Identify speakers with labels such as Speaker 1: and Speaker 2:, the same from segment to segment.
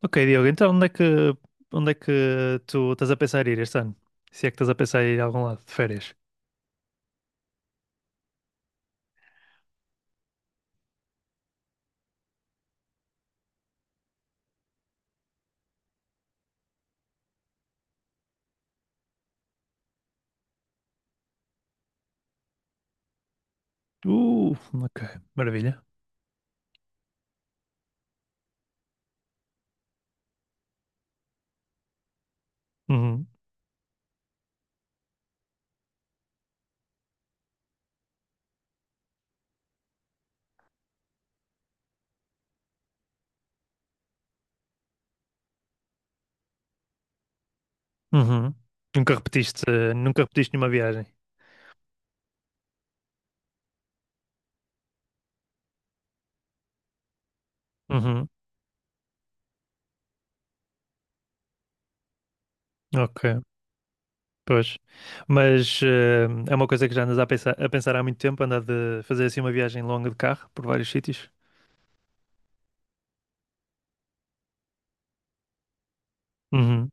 Speaker 1: Ok, Diogo, então onde é que tu estás a pensar ir este ano? Se é que estás a pensar ir a algum lado de férias? Uh, ok, maravilha. Uhum, uhum. Nunca repetiste, nunca repetiste nenhuma viagem. Uhum, ok, pois. Mas é uma coisa que já andas a pensar há muito tempo, andar de fazer assim uma viagem longa de carro por vários sítios. Uhum,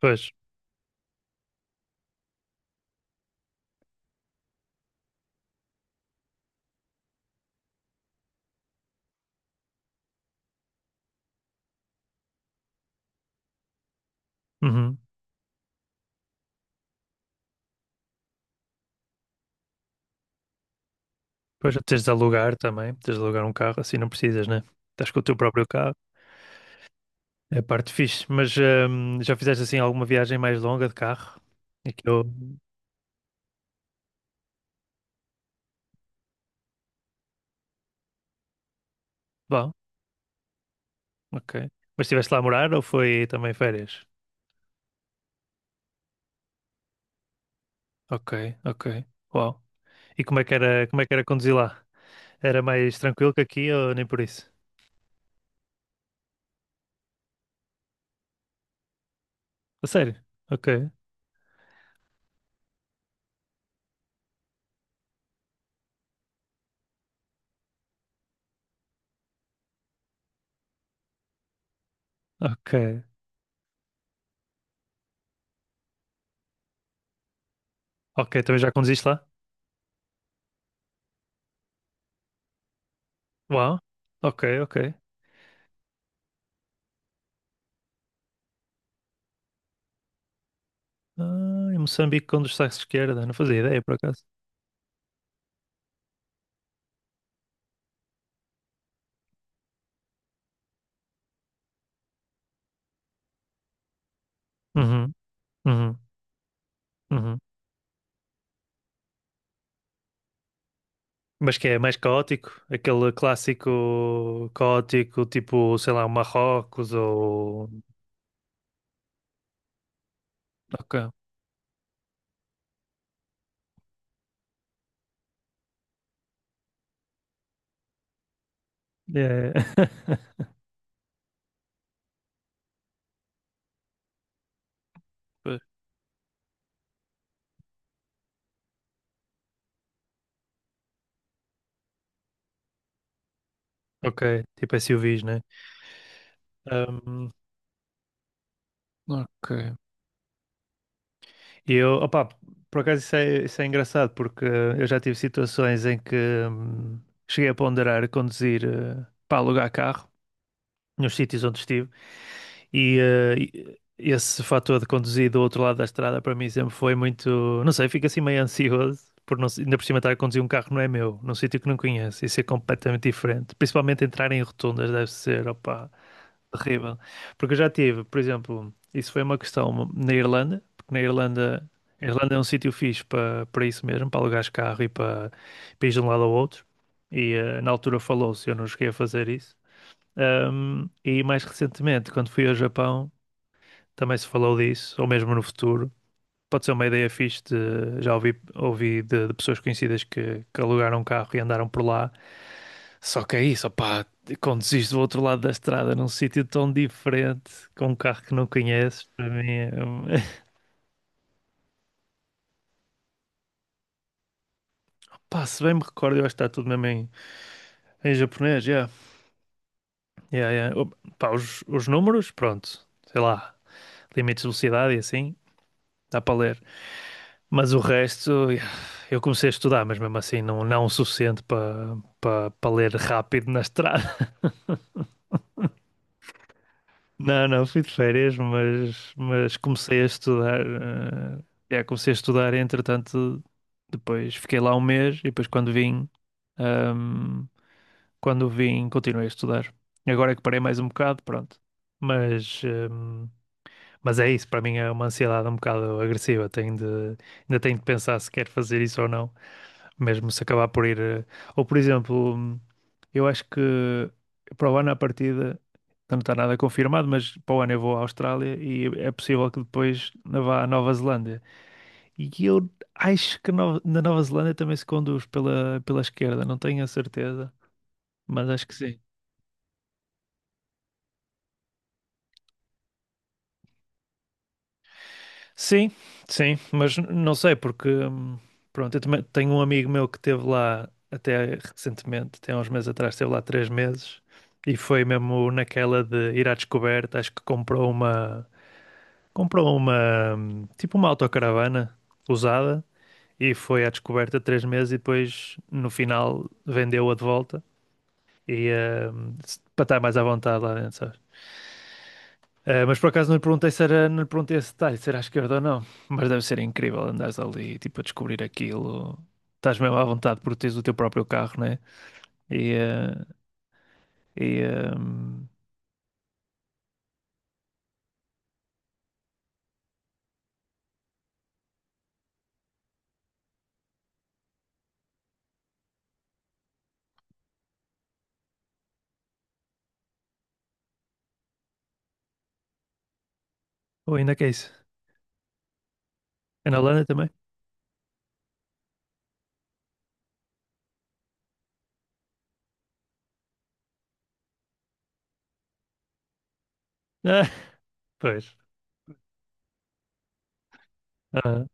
Speaker 1: pois. Uhum. Pois tens de alugar também, tens de alugar um carro, assim não precisas, né? Estás com o teu próprio carro. É a parte fixe, mas já fizeste assim alguma viagem mais longa de carro? É que eu. Bom, ok. Mas estiveste lá a morar ou foi também férias? Ok, ok. Uau. E como é que era conduzir lá? Era mais tranquilo que aqui ou nem por isso? A sério? Ok, ok. Ok, também já conduziste lá? Uau. Ok, ok. Ah, em Moçambique conduz-se à esquerda, não fazia ideia por acaso. Uhum, uhum, uhum. Mas que é mais caótico? Aquele clássico caótico, tipo, sei lá, Marrocos ou. Ok. É. Pois. Ok, tipo SUVs, né? Um, Ok. E eu, opá, por acaso isso é engraçado, porque eu já tive situações em que hum, cheguei a ponderar conduzir para alugar carro nos sítios onde estive. E esse fator de conduzir do outro lado da estrada para mim sempre foi muito, não sei, fico assim meio ansioso por não, ainda por cima estar a conduzir um carro não é meu, num sítio que não conheço, isso é completamente diferente. Principalmente entrar em rotundas deve ser, opá, terrível. Porque eu já tive, por exemplo, isso foi uma questão na Irlanda, porque na Irlanda, a Irlanda é um sítio fixe para isso mesmo, para alugares carro e para, para ir de um lado ao outro. E na altura falou-se, eu não cheguei a fazer isso. E mais recentemente, quando fui ao Japão, também se falou disso, ou mesmo no futuro. Pode ser uma ideia fixe de, já ouvi, de pessoas conhecidas que alugaram um carro e andaram por lá. Só que é isso, opá, conduziste do outro lado da estrada num sítio tão diferente, com um carro que não conheces, para mim é... Pá, se bem me recordo, eu acho que está tudo mesmo em, em japonês, yeah. Yeah, yeah. Oh, pá, os números, pronto, sei lá, limites de velocidade e assim, dá para ler. Mas o resto, eu comecei a estudar, mas mesmo assim não, não o suficiente para ler rápido na estrada. Não, não, fui de férias, mas comecei a estudar. Comecei a estudar, e, entretanto, depois fiquei lá um mês e depois ahm, quando vim, continuei a estudar. E agora é que parei mais um bocado, pronto. Mas, ahm, mas é isso, para mim é uma ansiedade um bocado agressiva. Tenho de, ainda tenho de pensar se quero fazer isso ou não, mesmo se acabar por ir. Ou, por exemplo, eu acho que para o ano, à partida, não está nada confirmado, mas para o ano eu vou à Austrália e é possível que depois vá à Nova Zelândia. E eu acho que na Nova Zelândia também se conduz pela, pela esquerda, não tenho a certeza, mas acho que sim. Sim, sim, mas não sei porque, pronto, eu também tenho um amigo meu que esteve lá até recentemente, até há uns meses atrás, esteve lá três meses e foi mesmo naquela de ir à descoberta, acho que comprou uma, comprou uma tipo uma autocaravana usada e foi à descoberta três meses e depois no final vendeu-a de volta e para estar mais à vontade lá dentro, mas por acaso não lhe perguntei se era, não lhe perguntei esse detalhe, se era à esquerda ou não. Mas deve ser incrível andares ali, tipo, a descobrir aquilo. Estás mesmo à vontade porque tens o teu próprio carro, né? E, eh, e eh, ou ainda que é isso? É na Holanda também? Ah, pois. Ah.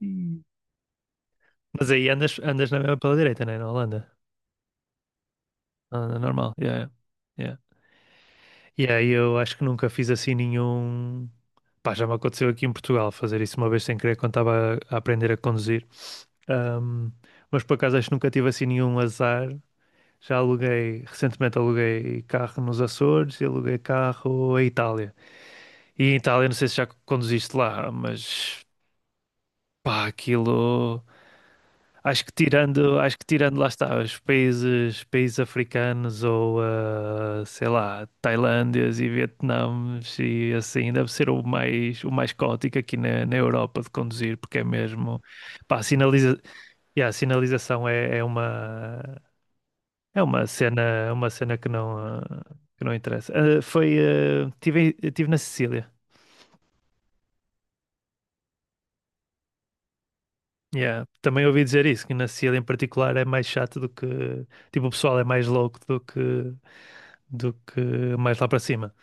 Speaker 1: Hum. Mas aí andas, andas na mesma pela direita, né? Na Holanda. Na Holanda normal. Yeah, yeah. Yeah. E aí eu acho que nunca fiz assim nenhum. Pá, já me aconteceu aqui em Portugal fazer isso uma vez sem querer quando estava a aprender a conduzir. Ahm, mas por acaso acho que nunca tive assim nenhum azar. Já aluguei, recentemente aluguei carro nos Açores e aluguei carro à Itália. E em Itália, não sei se já conduziste lá, mas pá, aquilo. Acho que tirando lá está, os países, países africanos ou ah, sei lá, Tailândias e Vietnãs e assim, deve ser o mais caótico aqui na, na Europa de conduzir, porque é mesmo, pá, sinaliza, yeah, a sinalização é, é uma. É uma cena que não, ah, que não interessa. Ah, foi, ah, tive na Sicília. Yeah. Também ouvi dizer isso, que na Sicília em particular é mais chato do que, tipo, o pessoal é mais louco do que mais lá para cima.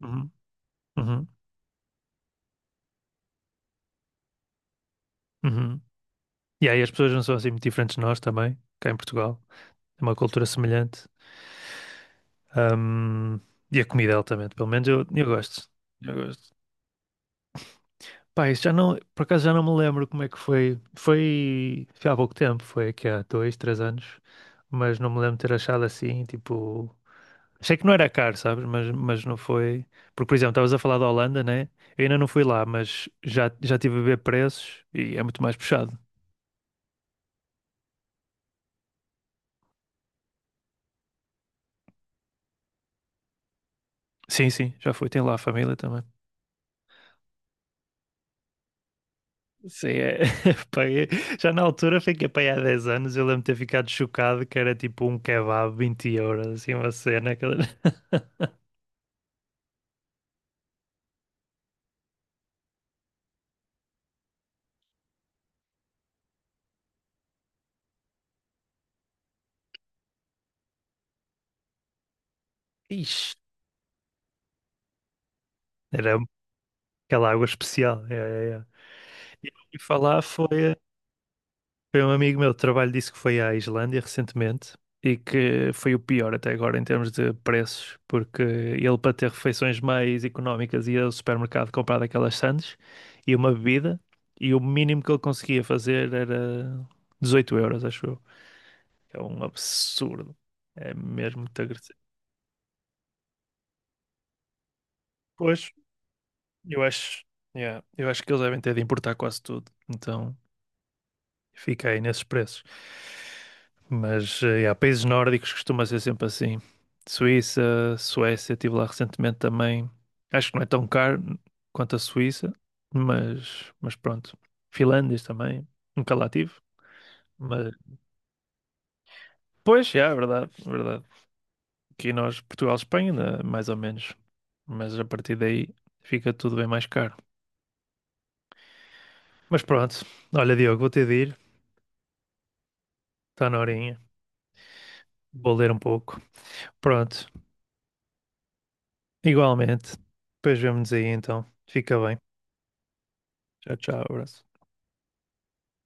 Speaker 1: Uhum, uhum, uhum. E aí as pessoas não são assim muito diferentes de nós também, cá em Portugal. É uma cultura semelhante. Ahm, e a comida altamente, pelo menos eu gosto. Eu gosto. Pá, isso já não, por acaso já não me lembro como é que foi. Foi, foi há pouco tempo, foi aqui há dois, três anos, mas não me lembro de ter achado assim, tipo. Achei que não era caro, sabes? Mas não foi. Porque, por exemplo, estavas a falar da Holanda, né? Eu ainda não fui lá, mas já, já estive a ver preços e é muito mais puxado. Sim, sim, já fui. Tem lá a família também. Sim, é. Pá, eu- Já na altura fiquei para aí há 10 anos. Eu lembro de ter ficado chocado que era tipo um kebab 20€, assim, uma cena. Aquela- Ixi. Era. Aquela água especial. É, é, é. E eu ouvi falar foi, foi um amigo meu de trabalho disse que foi à Islândia recentemente e que foi o pior até agora em termos de preços, porque ele para ter refeições mais económicas ia ao supermercado comprar daquelas sandes e uma bebida e o mínimo que ele conseguia fazer era 18€, acho eu. É um absurdo. É mesmo muito agressivo. Pois, eu acho, yeah, eu acho que eles devem ter de importar quase tudo. Então. Fiquei nesses preços. Mas há países nórdicos costuma ser sempre assim. Suíça, Suécia, estive lá recentemente também. Acho que não é tão caro quanto a Suíça, mas pronto. Finlândias também, nunca lá tive. Mas, pois, já, é verdade, é verdade. Aqui nós, Portugal, Espanha, ainda mais ou menos. Mas a partir daí fica tudo bem mais caro. Mas pronto, olha, Diogo, vou ter de ir. Está na horinha. Vou ler um pouco. Pronto, igualmente. Depois vemo-nos aí então. Fica bem. Tchau, tchau, abraço.